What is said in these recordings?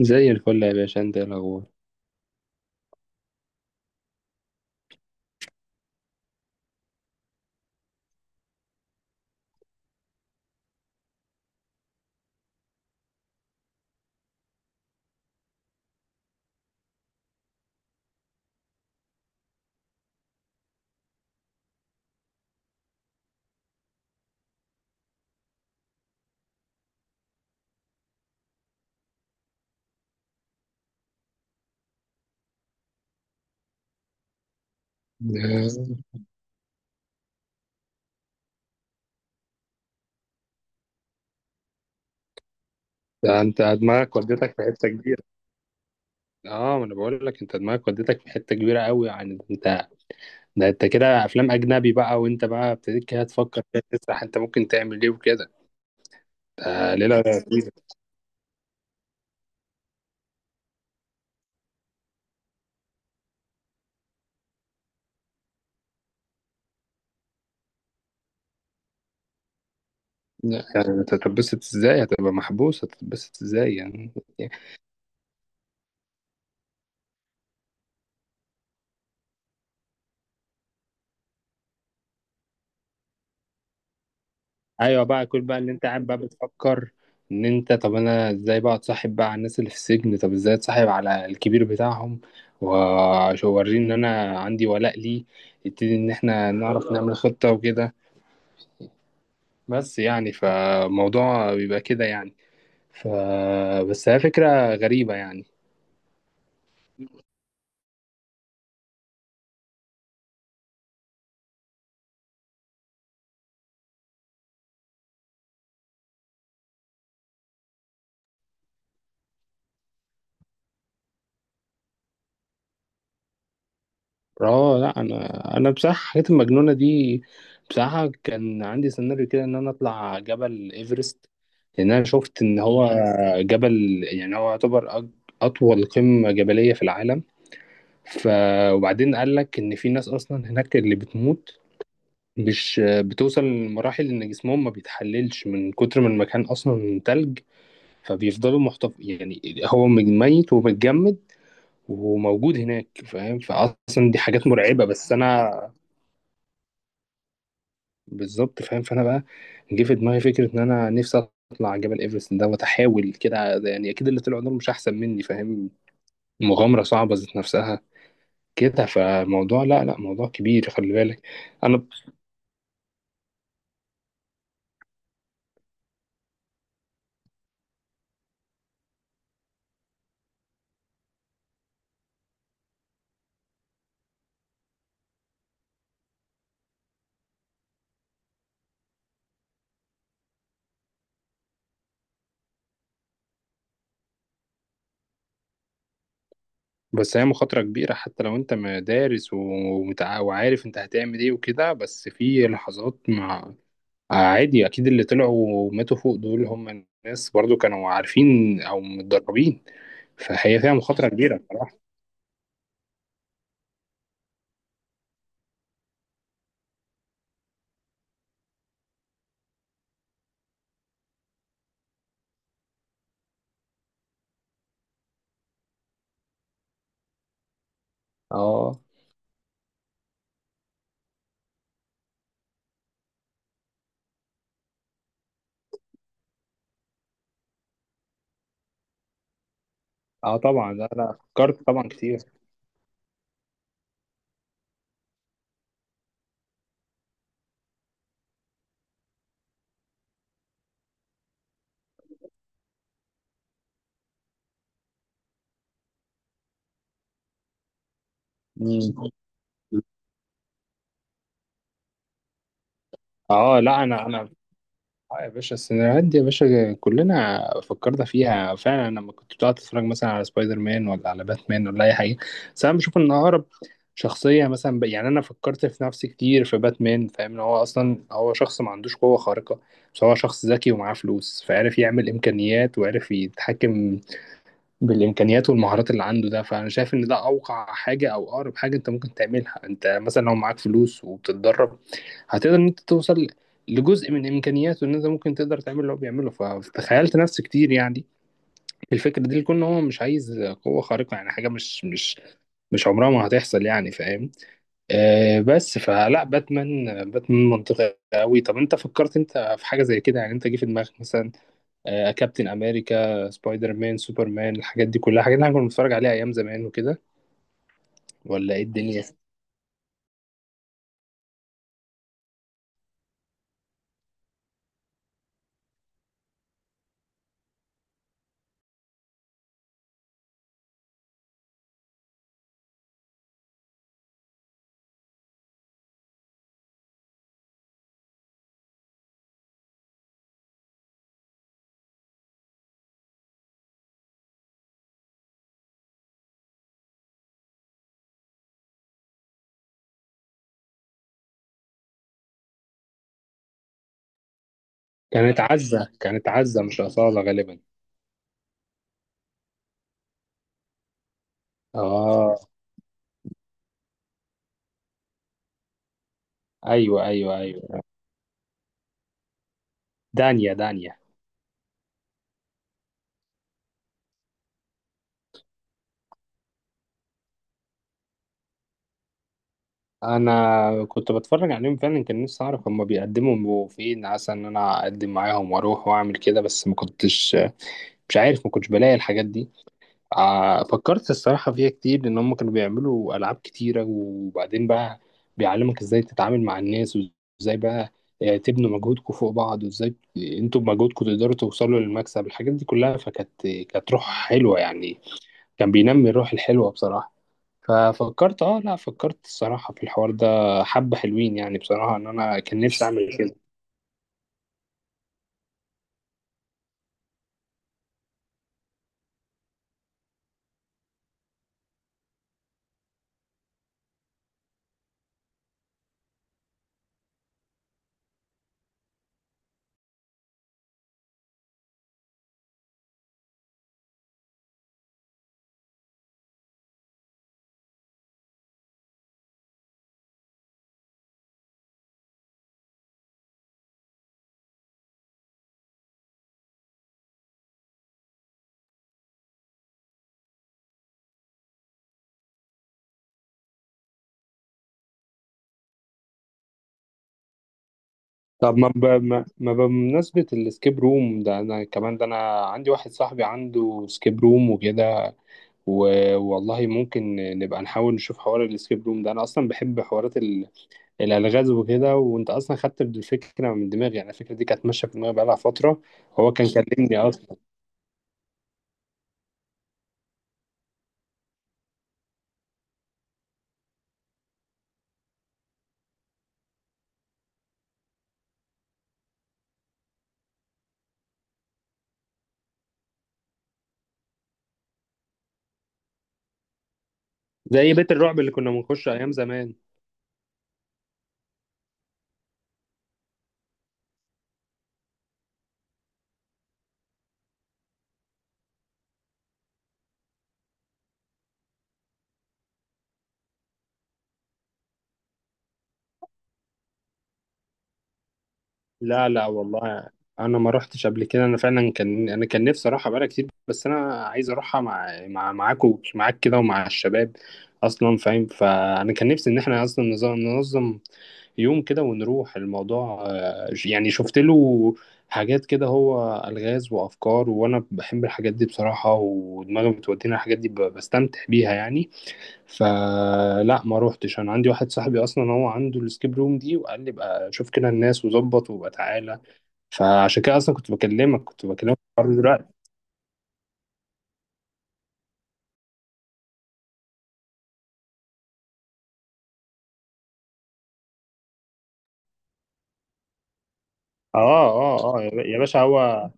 زي الفل يا باشا، انت ايه الاخبار؟ ده ده انت دماغك ودتك في حته كبيره. اه، ما انا بقول لك انت دماغك ودتك في حته كبيره قوي، يعني ده انت كده افلام اجنبي بقى، وانت بقى ابتديت كده تفكر، كده تسرح انت ممكن تعمل ايه وكده. ده ليله لذيذه. يعني انت هتتبسط ازاي؟ هتبقى محبوس، هتتبسط ازاي يعني؟ ايوه بقى، كل بقى اللي انت قاعد بقى بتفكر ان انت طب انا ازاي بقى اتصاحب بقى على الناس اللي في السجن، طب ازاي اتصاحب على الكبير بتاعهم واوريه ان انا عندي ولاء ليه، يبتدي ان احنا نعرف نعمل خطة وكده، بس يعني فموضوع بيبقى كده يعني. ف بس هي فكرة غريبة يعني. اه، لا، انا بصراحه الحاجات المجنونه دي. بصراحه كان عندي سيناريو كده ان انا اطلع جبل ايفرست، لان انا شفت ان هو جبل، يعني هو يعتبر اطول قمه جبليه في العالم. ف وبعدين قال لك ان في ناس اصلا هناك اللي بتموت، مش بتوصل لمراحل ان جسمهم ما بيتحللش من كتر ما المكان اصلا تلج، فبيفضلوا محتف، يعني هو ميت ومتجمد وموجود هناك، فاهم؟ فاصلا دي حاجات مرعبه، بس انا. بالظبط فاهم، فانا بقى جه في دماغي فكره ان انا نفسي اطلع على جبل ايفرست ده واتحاول كده، يعني اكيد اللي طلعوا دول مش احسن مني، فاهم؟ مغامره صعبه ذات نفسها كده، فموضوع لا لا، موضوع كبير خلي بالك. انا بس هي مخاطره كبيره، حتى لو انت دارس وعارف انت هتعمل ايه وكده، بس في لحظات عادي، اكيد اللي طلعوا وماتوا فوق دول، هم الناس برضو كانوا عارفين او متدربين. فهي فيها مخاطره كبيره بصراحه. اه اه، طبعا لا لا، فكرت طبعا كتير. مم. اه، لا، انا يا باشا السيناريوهات دي، يا باشا كلنا فكرنا فيها فعلا، لما كنت بتقعد تتفرج مثلا على سبايدر مان ولا على باتمان ولا اي حاجه. بس انا بشوف ان اقرب شخصيه مثلا، يعني انا فكرت في نفسي كتير في باتمان، فاهم؟ ان هو اصلا هو شخص ما عندوش قوه خارقه، بس هو شخص ذكي ومعاه فلوس، فعرف يعمل امكانيات وعرف يتحكم بالامكانيات والمهارات اللي عنده ده. فانا شايف ان ده اوقع حاجه او اقرب حاجه انت ممكن تعملها، انت مثلا لو معاك فلوس وبتتدرب هتقدر ان انت توصل لجزء من امكانياته، ان انت ممكن تقدر تعمل اللي هو بيعمله. فتخيلت نفس كتير يعني الفكره دي، لكون هو مش عايز قوه خارقه، يعني حاجه مش عمرها ما هتحصل يعني، فاهم؟ بس فلا باتمان، باتمان منطقي قوي. طب انت فكرت انت في حاجه زي كده؟ يعني انت جه في دماغك مثلا كابتن امريكا، سبايدر مان، سوبرمان، الحاجات دي كلها، حاجات اللي احنا كنا بنتفرج عليها ايام زمان وكده، ولا ايه الدنيا؟ كانت عزة، مش أصالة غالبا. اه، ايوه ايوه ايوه. دانيا دانيا. انا كنت بتفرج عليهم فعلا، كان نفسي اعرف هما بيقدموا فين عسى ان انا اقدم معاهم واروح واعمل كده، بس ما كنتش، مش عارف، ما كنتش بلاقي الحاجات دي. فكرت الصراحة فيها كتير، لأن هم كانوا بيعملوا ألعاب كتيرة، وبعدين بقى بيعلمك إزاي تتعامل مع الناس، وإزاي بقى تبنوا مجهودكم فوق بعض، وإزاي أنتوا بمجهودكم تقدروا توصلوا للمكسب، الحاجات دي كلها. فكانت روح حلوة يعني، كان بينمي الروح الحلوة بصراحة. ففكرت، لا، فكرت الصراحة في الحوار ده، حبة حلوين يعني بصراحة، إن أنا كان نفسي أعمل كده. طب ما ب... ما ما بمناسبة السكيب روم ده، أنا كمان، ده أنا عندي واحد صاحبي عنده سكيب روم وكده، والله ممكن نبقى نحاول نشوف حوار الاسكيب روم ده. انا اصلا بحب حوارات الالغاز وكده، وانت اصلا خدت الفكره من دماغي، يعني الفكره دي كانت ماشيه في دماغي بقالها فتره. هو كان كلمني اصلا. زي بيت الرعب اللي كنا بنخش ايام زمان. لا لا والله، انا ما روحتش قبل كده، انا فعلا كان نفسي اروحها بقالي كتير، بس انا عايز اروحها مع مع معاكم معاك كده ومع الشباب اصلا، فاهم؟ فانا كان نفسي ان احنا اصلا ننظم يوم كده ونروح الموضوع، يعني شفت له حاجات كده، هو الغاز وافكار، وانا بحب الحاجات دي بصراحة، ودماغي بتودينا الحاجات دي، بستمتع بيها يعني. فلا ما روحتش. انا عندي واحد صاحبي اصلا هو عنده السكيب روم دي، وقال لي بقى شوف كده الناس وظبط وبقى تعالى، فعشان كده اصلا كنت بكلمك، كنت بكلمك في الحوار دلوقتي. اه اه اه، يا يا باشا، هو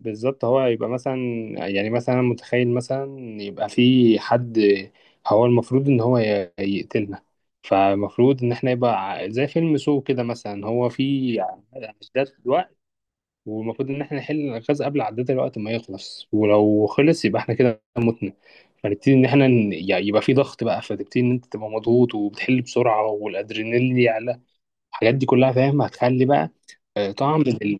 بالظبط. هو يبقى مثلا، يعني مثلا أنا متخيل مثلا يبقى في حد هو المفروض ان هو يقتلنا، فالمفروض ان احنا يبقى زي فيلم سو كده مثلا، هو في اعداد، والمفروض ان احنا نحل الغاز قبل عداد الوقت ما يخلص، ولو خلص يبقى احنا كده متنا، فنبتدي ان احنا يعني يبقى في ضغط بقى، فتبتدي ان انت تبقى مضغوط وبتحل بسرعه والادرينالين يعلى، الحاجات دي كلها فاهم، هتخلي بقى طعم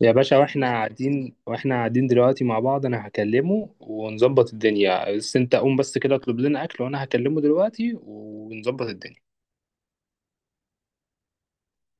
يا باشا، واحنا قاعدين دلوقتي مع بعض، انا هكلمه ونظبط الدنيا، بس انت قوم بس كده اطلب لنا اكل، وانا هكلمه دلوقتي ونظبط الدنيا.